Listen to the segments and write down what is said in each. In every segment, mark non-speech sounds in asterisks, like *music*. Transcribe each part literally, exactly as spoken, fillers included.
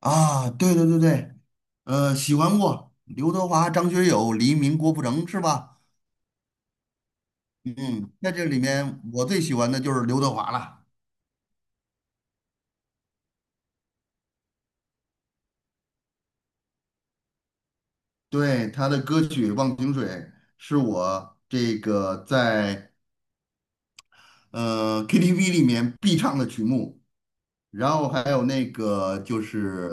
啊，对对对对，呃，喜欢过刘德华、张学友、黎明、郭富城是吧？嗯，在这里面我最喜欢的就是刘德华了，对，他的歌曲《忘情水》是我这个在呃 K T V 里面必唱的曲目，然后还有那个就是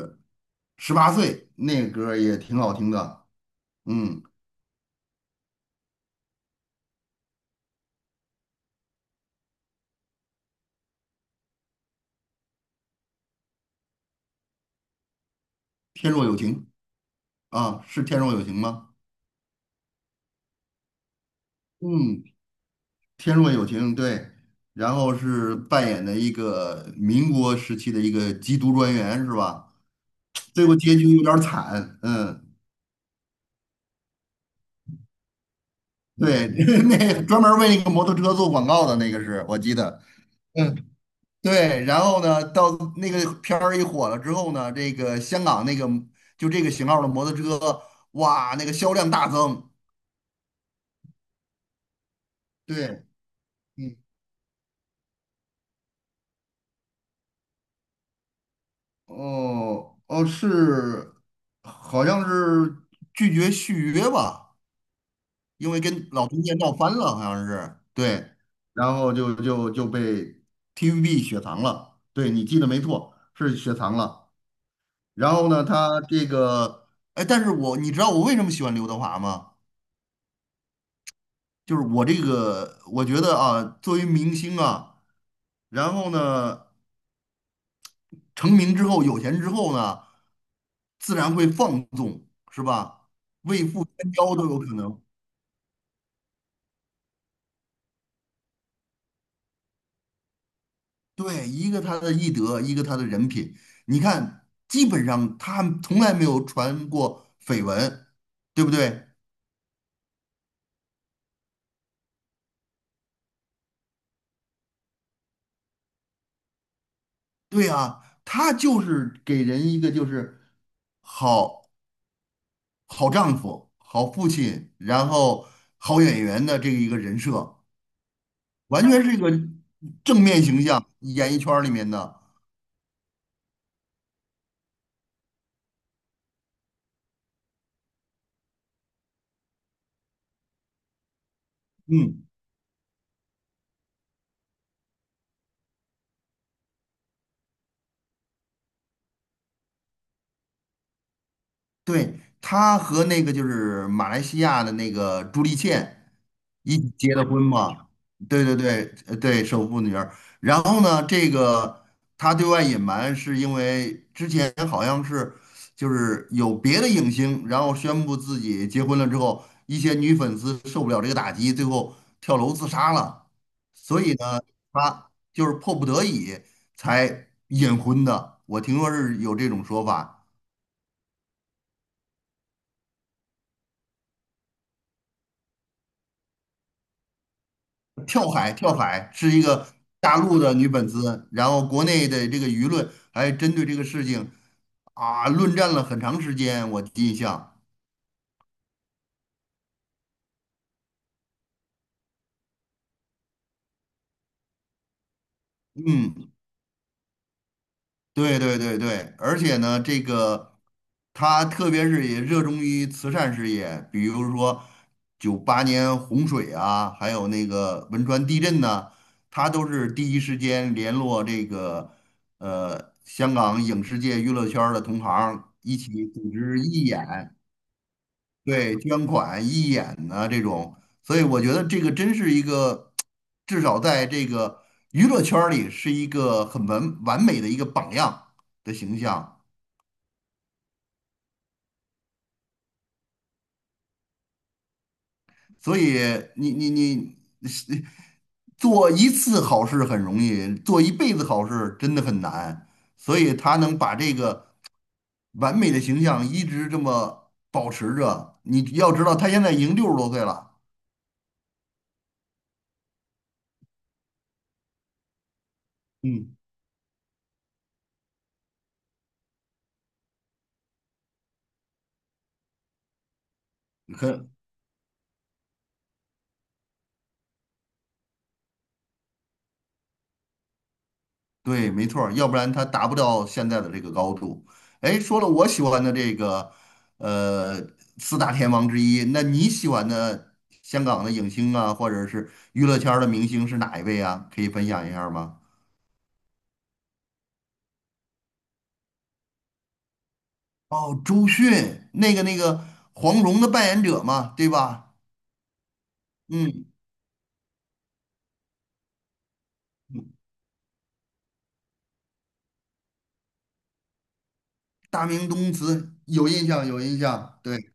《十八岁》那个歌儿也挺好听的，嗯，《天若有情》啊，是《天若有情》吗？嗯，天若有情，对，然后是扮演的一个民国时期的一个缉毒专员，是吧？最后结局有点儿惨，嗯，对，*laughs* 那专门儿为那个摩托车做广告的那个是我记得，嗯，对，然后呢，到那个片儿一火了之后呢，这个香港那个就这个型号的摩托车，哇，那个销量大增，对，嗯，哦哦是，好像是拒绝续约吧。因为跟老中介闹翻了，好像是，对，然后就就就被 T V B 雪藏了，对你记得没错，是雪藏了。然后呢，他这个，哎，但是我你知道我为什么喜欢刘德华吗？就是我这个，我觉得啊，作为明星啊，然后呢，成名之后有钱之后呢，自然会放纵，是吧？为富新高都有可能。对，一个他的艺德，一个他的人品。你看，基本上他从来没有传过绯闻，对不对？对啊，他就是给人一个就是好好丈夫、好父亲，然后好演员的这个一个人设，完全是一个正面形象，演艺圈儿里面的。嗯。对，他和那个就是马来西亚的那个朱丽倩一起结的婚嘛，对对对，呃对，首富女儿。然后呢，这个他对外隐瞒是因为之前好像是就是有别的影星，然后宣布自己结婚了之后，一些女粉丝受不了这个打击，最后跳楼自杀了。所以呢，他就是迫不得已才隐婚的。我听说是有这种说法。跳海，跳海是一个大陆的女粉丝，然后国内的这个舆论还针对这个事情啊论战了很长时间，我印象。嗯，对对对对，而且呢，这个她特别是也热衷于慈善事业，比如说九八年洪水啊，还有那个汶川地震呐、她都是第一时间联络这个呃香港影视界娱乐圈儿的同行，一起组织义演。对，捐款、义演呐、这种，所以我觉得这个真是一个，至少在这个娱乐圈儿里是一个很完完美的一个榜样的形象。所以你你你是做一次好事很容易，做一辈子好事真的很难。所以他能把这个完美的形象一直这么保持着，你要知道他现在已经六十多岁了，嗯，很对，没错儿，要不然他达不到现在的这个高度。哎，说了我喜欢的这个，呃，四大天王之一，那你喜欢的香港的影星啊，或者是娱乐圈儿的明星是哪一位啊？可以分享一下吗？哦，周迅，那个那个黄蓉的扮演者嘛，对吧？嗯，大明宫词有印象，有印象，对。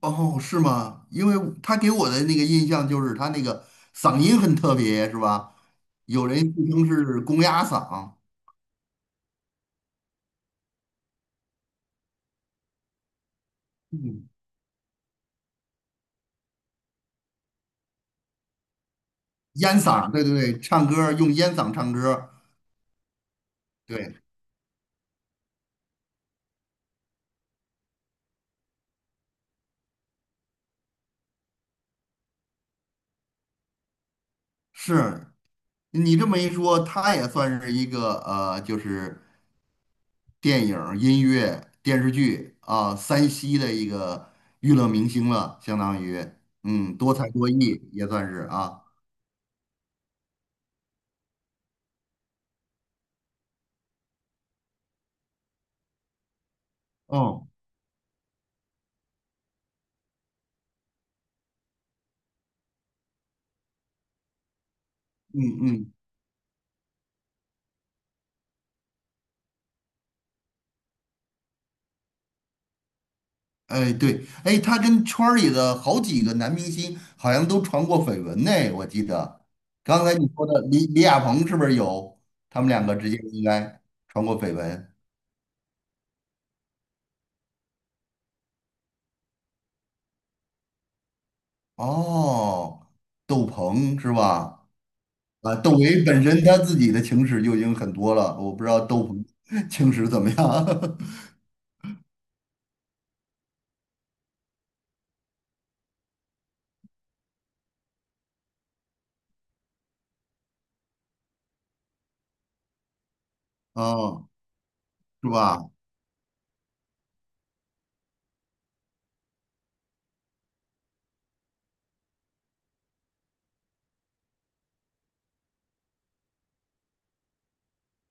哦，是吗？因为他给我的那个印象就是他那个嗓音很特别，是吧？有人自称是公鸭嗓，嗯，烟嗓，对对对，唱歌儿用烟嗓唱歌儿对，是你这么一说，他也算是一个呃，就是电影儿音乐、电视剧啊，三栖的一个娱乐明星了，相当于，嗯，多才多艺也算是啊，哦，嗯嗯。哎，对，哎，他跟圈儿里的好几个男明星好像都传过绯闻呢，我记得。刚才你说的李李亚鹏是不是有？他们两个之间应该传过绯闻。哦，窦鹏是吧？啊，窦唯本身他自己的情史就已经很多了，我不知道窦鹏 *laughs* 情史怎么样。*laughs* 哦，是吧？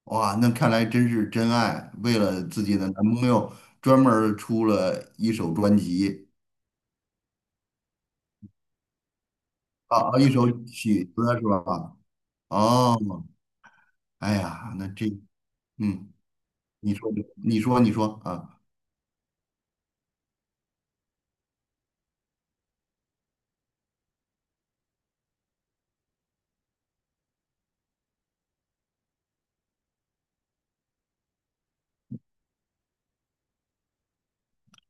哇，那看来真是真爱，为了自己的男朋友专门儿出了一首专辑。啊啊，一首曲子是吧？哦，哎呀，那这，嗯，你说，你说，你说啊，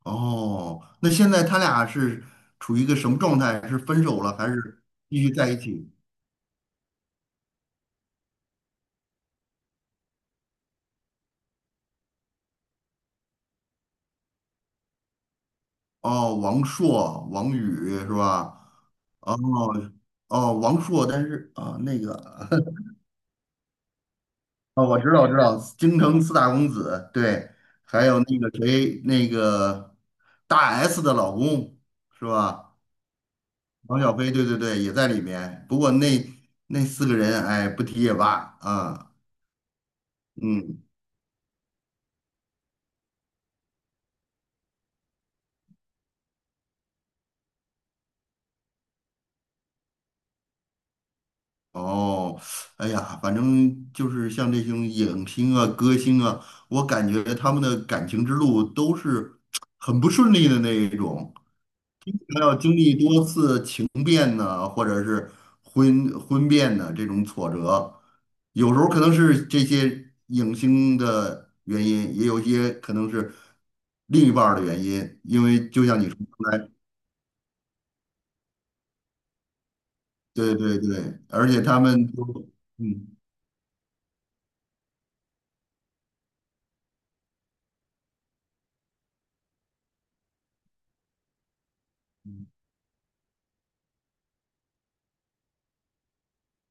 哦，那现在他俩是处于一个什么状态？是分手了还是继续在一起？哦，王朔、王宇是吧？哦哦，王朔，但是啊，那个 *laughs* 啊，我知道，我知道，京城四大公子，对，还有那个谁，那个大 S 的老公是吧？王小飞，对对对，也在里面。不过那那四个人，哎，不提也罢啊。嗯，哦，哎呀，反正就是像这种影星啊、歌星啊，我感觉他们的感情之路都是很不顺利的那一种。他要经历多次情变呢，或者是婚婚变呢这种挫折，有时候可能是这些影星的原因，也有一些可能是另一半儿的原因，因为就像你说刚才对对对，而且他们都，嗯，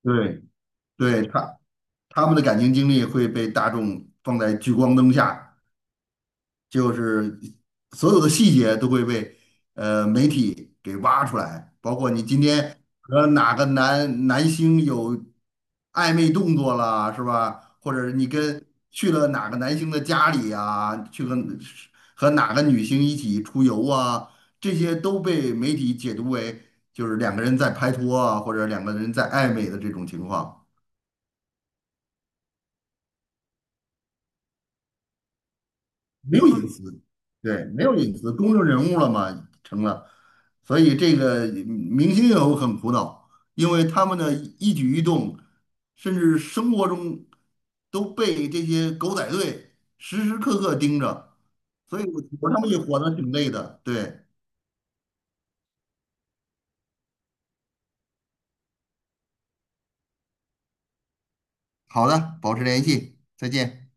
对对，他他们的感情经历会被大众放在聚光灯下。就是所有的细节都会被呃媒体给挖出来，包括你今天和哪个男男星有暧昧动作了，是吧？或者你跟去了哪个男星的家里呀？去和和哪个女星一起出游啊，这些都被媒体解读为就是两个人在拍拖啊，或者两个人在暧昧的这种情况。没有隐私，对，没有隐私，公众人物了嘛，成了，所以这个明星也有很苦恼，因为他们的一举一动，甚至生活中都被这些狗仔队时时刻刻盯着，所以我我他们也活得挺累的。对，好的，保持联系，再见。